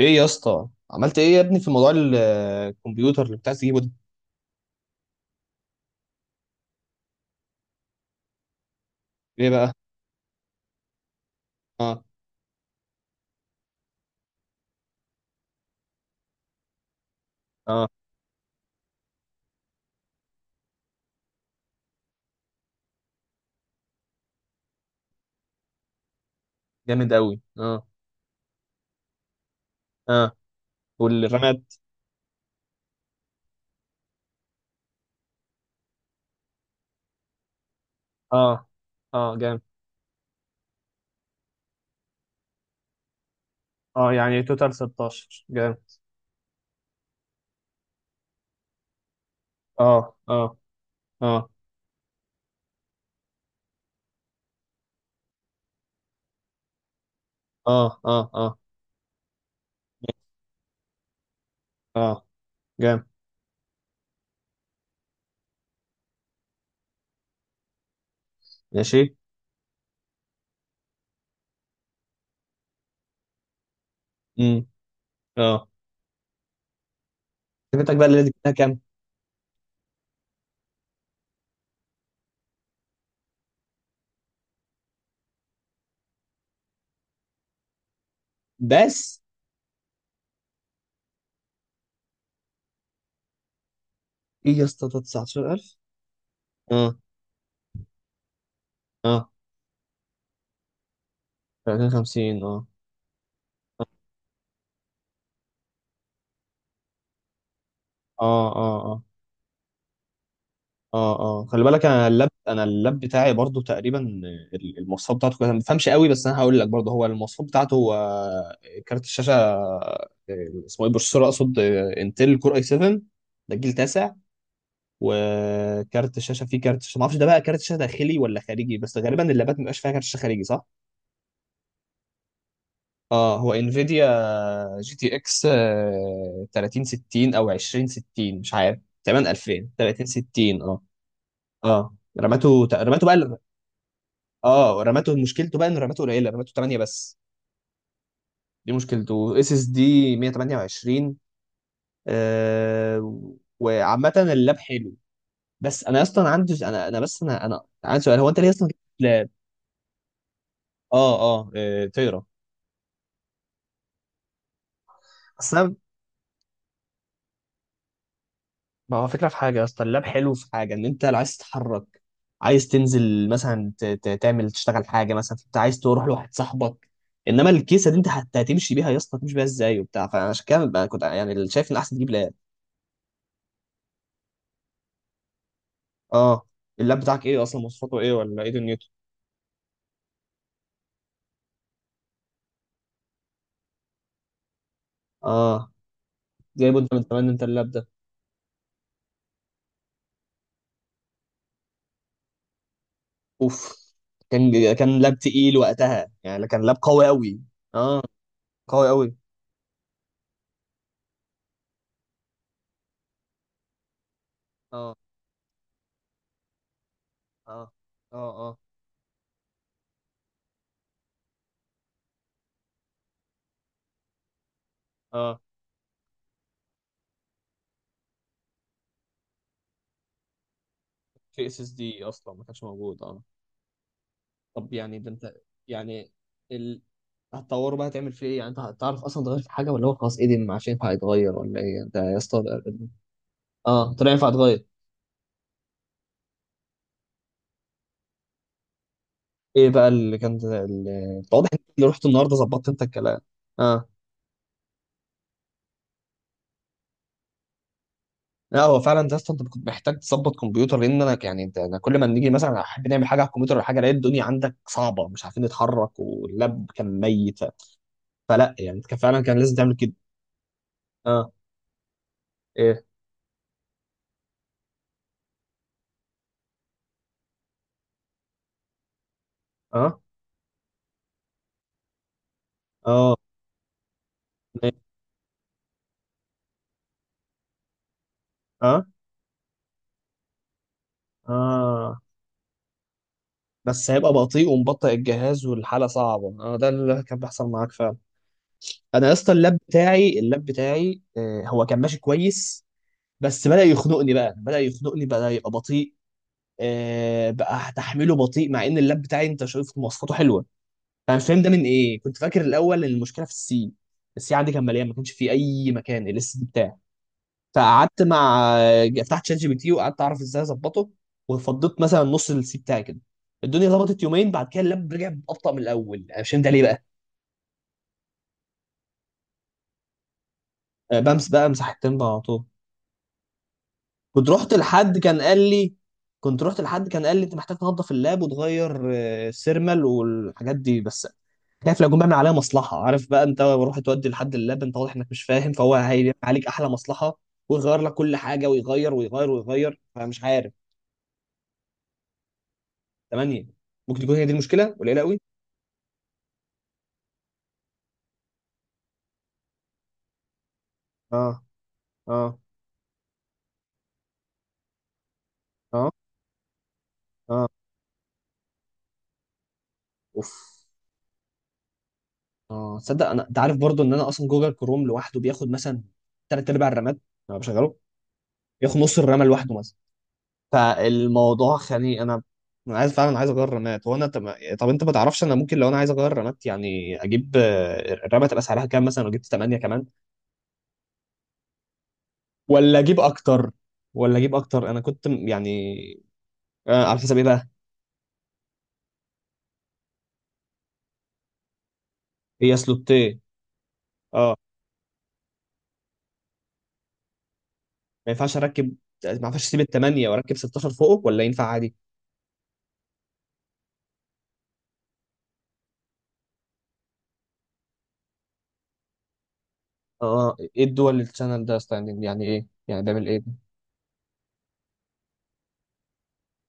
ايه يا اسطى؟ عملت ايه يا ابني في موضوع الكمبيوتر اللي بتاع تجيبه ده. ايه بقى؟ اه. اه جامد قوي، اه. اه، والرامات؟ اه. اه جامد. اه يعني توتال 16، جامد. اه. اه. اه. اه. اه. اه. اه جامد. ماشي. امم. اه. خدمتك بقى، اللي دي كلها كام؟ بس ايه يا اسطى؟ ده 19,000؟ اه. اه. 30 50، اه. اه. اه. اه. اه. اه خلي بالك، انا اللاب، انا اللاب بتاعي برضو تقريبا المواصفات بتاعته كويسه. انا ما بفهمش قوي، بس انا هقول لك برضو هو المواصفات بتاعته هو. كارت الشاشه اسمه ايه، بروسيسور، اقصد انتل كور اي 7، ده جيل تاسع. وكارت الشاشه فيه كارت شاشة ما اعرفش، ده بقى كارت شاشه داخلي ولا خارجي؟ بس غالبا اللابات ما بيبقاش فيها كارت شاشه خارجي، صح؟ اه، هو انفيديا جي تي اكس 3060 او 2060، مش عارف، تقريبا 2000 3060، اه. اه، رماته بقى. اه، رماته مشكلته بقى انه رماته قليله، رماته 8 بس، دي مشكلته. اس اس دي 128. آه. وعامه اللاب حلو. بس انا اصلا عندي، انا بس انا عندي سؤال، هو انت ليه اصلا جبت لاب؟ اه. اه. تقرا. اصل أنا- ما هو فكره في حاجه يا اسطى، اللاب حلو في حاجه، ان انت لو عايز تتحرك، عايز تنزل مثلا تعمل تشتغل حاجه، مثلا انت عايز تروح لواحد صاحبك، انما الكيسه دي انت هتمشي بيها يا اسطى، هتمشي بيها ازاي وبتاع، فعشان كده بقى كنت يعني شايف ان احسن تجيب لاب. اه، اللاب بتاعك ايه اصلا؟ مواصفاته ايه ولا ايه دنيته؟ اه، جايبه انت من زمان انت اللاب ده؟ اوف. كان، كان لاب تقيل وقتها، يعني كان لاب قوي قوي. اه قوي قوي. اه. اه. اه. اه. اه في اس اس دي اصلا ما كانش موجود، اه. طب يعني ده انت، يعني ال... هتطوره بقى، هتعمل فيه ايه؟ يعني انت هتعرف اصلا تغير في حاجه، ولا هو خلاص ايدن ما عادش ينفع يتغير، ولا ايه ده يا اسطى؟ اه، طلع ينفع يتغير. ايه بقى واضح إن انت اللي رحت النهارده ظبطت انت الكلام. اه. لا هو فعلا ده اصلا انت كنت محتاج تظبط كمبيوتر، لان انا يعني انت، انا كل ما نيجي مثلا احب نعمل حاجه على الكمبيوتر ولا حاجه، الاقي الدنيا عندك صعبه، مش عارفين نتحرك، واللاب كان ميت. فلا يعني كان فعلا كان لازم تعمل كده. اه. ايه. اه. اه. إيه؟ اه. اه. بس هيبقى بطيء ومبطئ الجهاز والحاله صعبه، اه ده اللي كان بيحصل معاك فعلا. انا يا اسطى اللاب بتاعي، اللاب بتاعي آه هو كان ماشي كويس، بس بدأ يخنقني بقى، بدأ يخنقني، بدأ يبقى بطيء. بقى تحميله بطيء مع ان اللاب بتاعي انت شايف مواصفاته حلوه. فانا مش فاهم ده من ايه. كنت فاكر الاول ان المشكله في السي، السي عندي كان مليان ما كانش فيه اي مكان الاس دي بتاعي. فقعدت مع فتحت شات جي بي تي وقعدت اعرف ازاي اظبطه. وفضيت مثلا نص السي بتاعي كده، الدنيا ظبطت. يومين بعد كده اللاب رجع ابطا من الاول، انا مش فاهم ده ليه بقى. بمس بقى مساحة تنبع على طول. كنت رحت لحد كان قال لي كنت رحت لحد كان قال لي انت محتاج تنظف اللاب وتغير السيرمال والحاجات دي بس. خايف لو جم بيعمل عليها مصلحه، عارف بقى، انت روح تودي لحد اللاب انت واضح انك مش فاهم فهو هيعمل عليك احلى مصلحه ويغير لك كل حاجه ويغير ويغير ويغير، فمش عارف. تمانية. ممكن تكون هي دي المشكله، قليله قوي. اه. اه. اه. اه. اوف. اه تصدق انا، انت عارف برضو ان انا اصلا جوجل كروم لوحده بياخد مثلا تلات ارباع الرامات، انا بشغله بياخد نص الرامه لوحده مثلا. فالموضوع خاني انا. انا عايز فعلا عايز اغير الرامات. هو انا طب، طب انت ما تعرفش انا ممكن لو انا عايز اغير الرامات، يعني اجيب الرامه تبقى سعرها كام مثلا لو جبت 8 كمان؟ ولا اجيب اكتر؟ ولا اجيب اكتر؟ انا كنت يعني. آه على حسب ايه بقى؟ هي سلوتين. اه ما ينفعش اركب، ما ينفعش اسيب الثمانيه واركب 16 فوقه ولا ينفع عادي؟ اه، ايه الدول الشانل ده ستاندنج؟ يعني ايه، يعني بيعمل ايه ده؟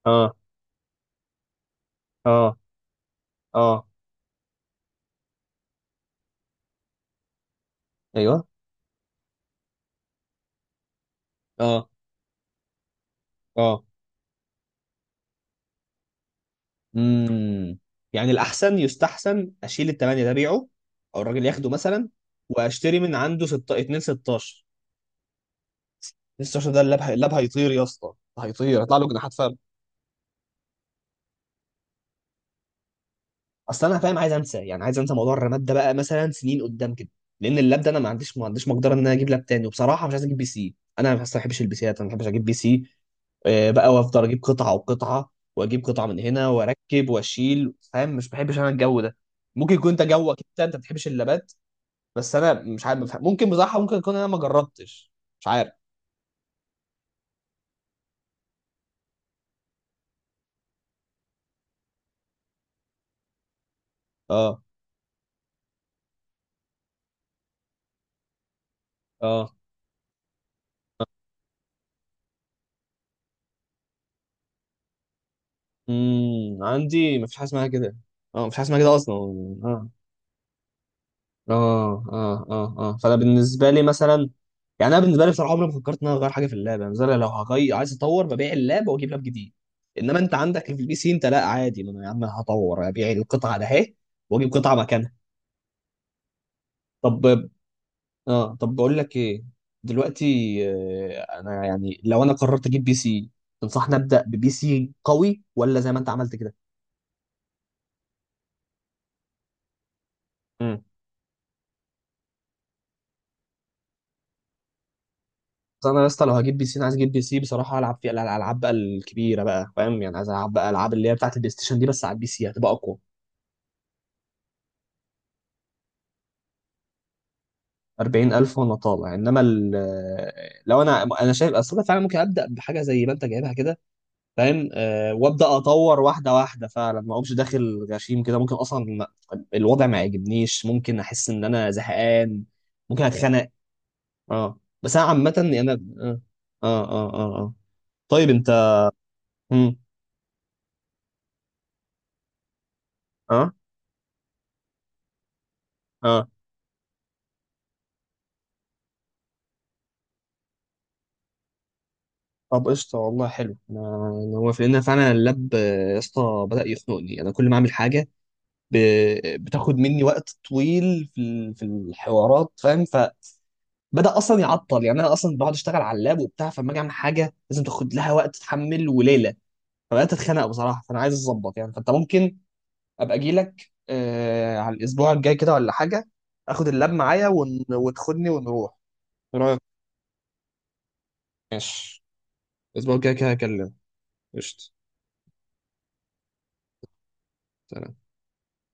اه. اه. اه. ايوه. اه. اه. امم. يعني الاحسن يستحسن اشيل الثمانيه ده بيعه، او الراجل ياخده مثلا، واشتري من عنده 2 16. 2 16 ده اللاب، اللاب هيطير يا اسطى، هيطير، هيطلع له جناحات فعلا. اصل انا فاهم عايز انسى، يعني عايز انسى موضوع الرماد ده بقى مثلا سنين قدام كده، لان اللاب ده انا ما عنديش مقدره ان انا اجيب لاب تاني. وبصراحه مش عايز اجيب بي سي، انا ما بحبش البي سيات، انا ما بحبش اجيب بي سي. بقى وافضل اجيب قطعه وقطعه واجيب قطعه من هنا واركب واشيل، فاهم، مش بحبش انا الجو ده. ممكن يكون انت جوك، انت ما بتحبش اللابات، بس انا مش عارف بفهم. ممكن بصراحه، ممكن يكون انا ما جربتش، مش عارف. اه. اه. امم. عندي ما فيش حاجه اسمها كده. اه ما فيش حاجه اسمها كده اصلا. اه. اه. اه. اه. اه فانا بالنسبه لي مثلا، يعني انا بالنسبه لي بصراحه عمري ما فكرت ان انا اغير حاجه في اللعبه. يعني مثلا لو هغير عايز اطور ببيع اللاب واجيب لاب جديد، انما انت عندك في البي سي انت لا عادي، ما انا يا عم هطور ابيع القطعه ده اهي واجيب قطعه مكانها. طب، اه طب بقول لك ايه، دلوقتي انا يعني لو انا قررت اجيب بي سي، تنصحني ابدا ببي سي قوي ولا زي ما انت عملت كده؟ مم. بس انا يا اسطى لو هجيب بي سي انا عايز اجيب بي سي بصراحه العب فيه الالعاب بقى الكبيره بقى، فاهم، يعني عايز العب بقى العاب اللي هي بتاعت البلاي ستيشن دي بس على البي سي هتبقى اقوى. 40,000 وانا طالع، انما لو انا، انا شايف اصل أنا فعلا ممكن ابدا بحاجه زي ما انت جايبها كده، فاهم، آه وابدا اطور واحده واحده فعلا، ما اقومش داخل غشيم كده، ممكن اصلا الوضع ما يعجبنيش، ممكن احس ان انا زهقان، ممكن اتخنق. اه بس انا عامه يعني انا. اه. اه. اه. اه، آه. طيب انت. مم. اه. اه طب قشطه، والله حلو. أنا هو في ان فعلا اللاب يا اسطى بدا يخنقني، انا كل ما اعمل حاجه ب... بتاخد مني وقت طويل في في الحوارات، فاهم. بدأ أصلا يعطل، يعني أنا أصلا بقعد أشتغل على اللاب وبتاع، فلما أجي أعمل حاجة لازم تاخد لها وقت تتحمل وليلة. فبدأت أتخانق بصراحة، فأنا عايز أظبط يعني. فأنت ممكن أبقى أجي لك آه على الأسبوع الجاي كده ولا حاجة، آخد اللاب معايا وتاخدني ونروح. إيه رأيك؟ ماشي. الأسبوع الجاي كده هكلمك. قشطة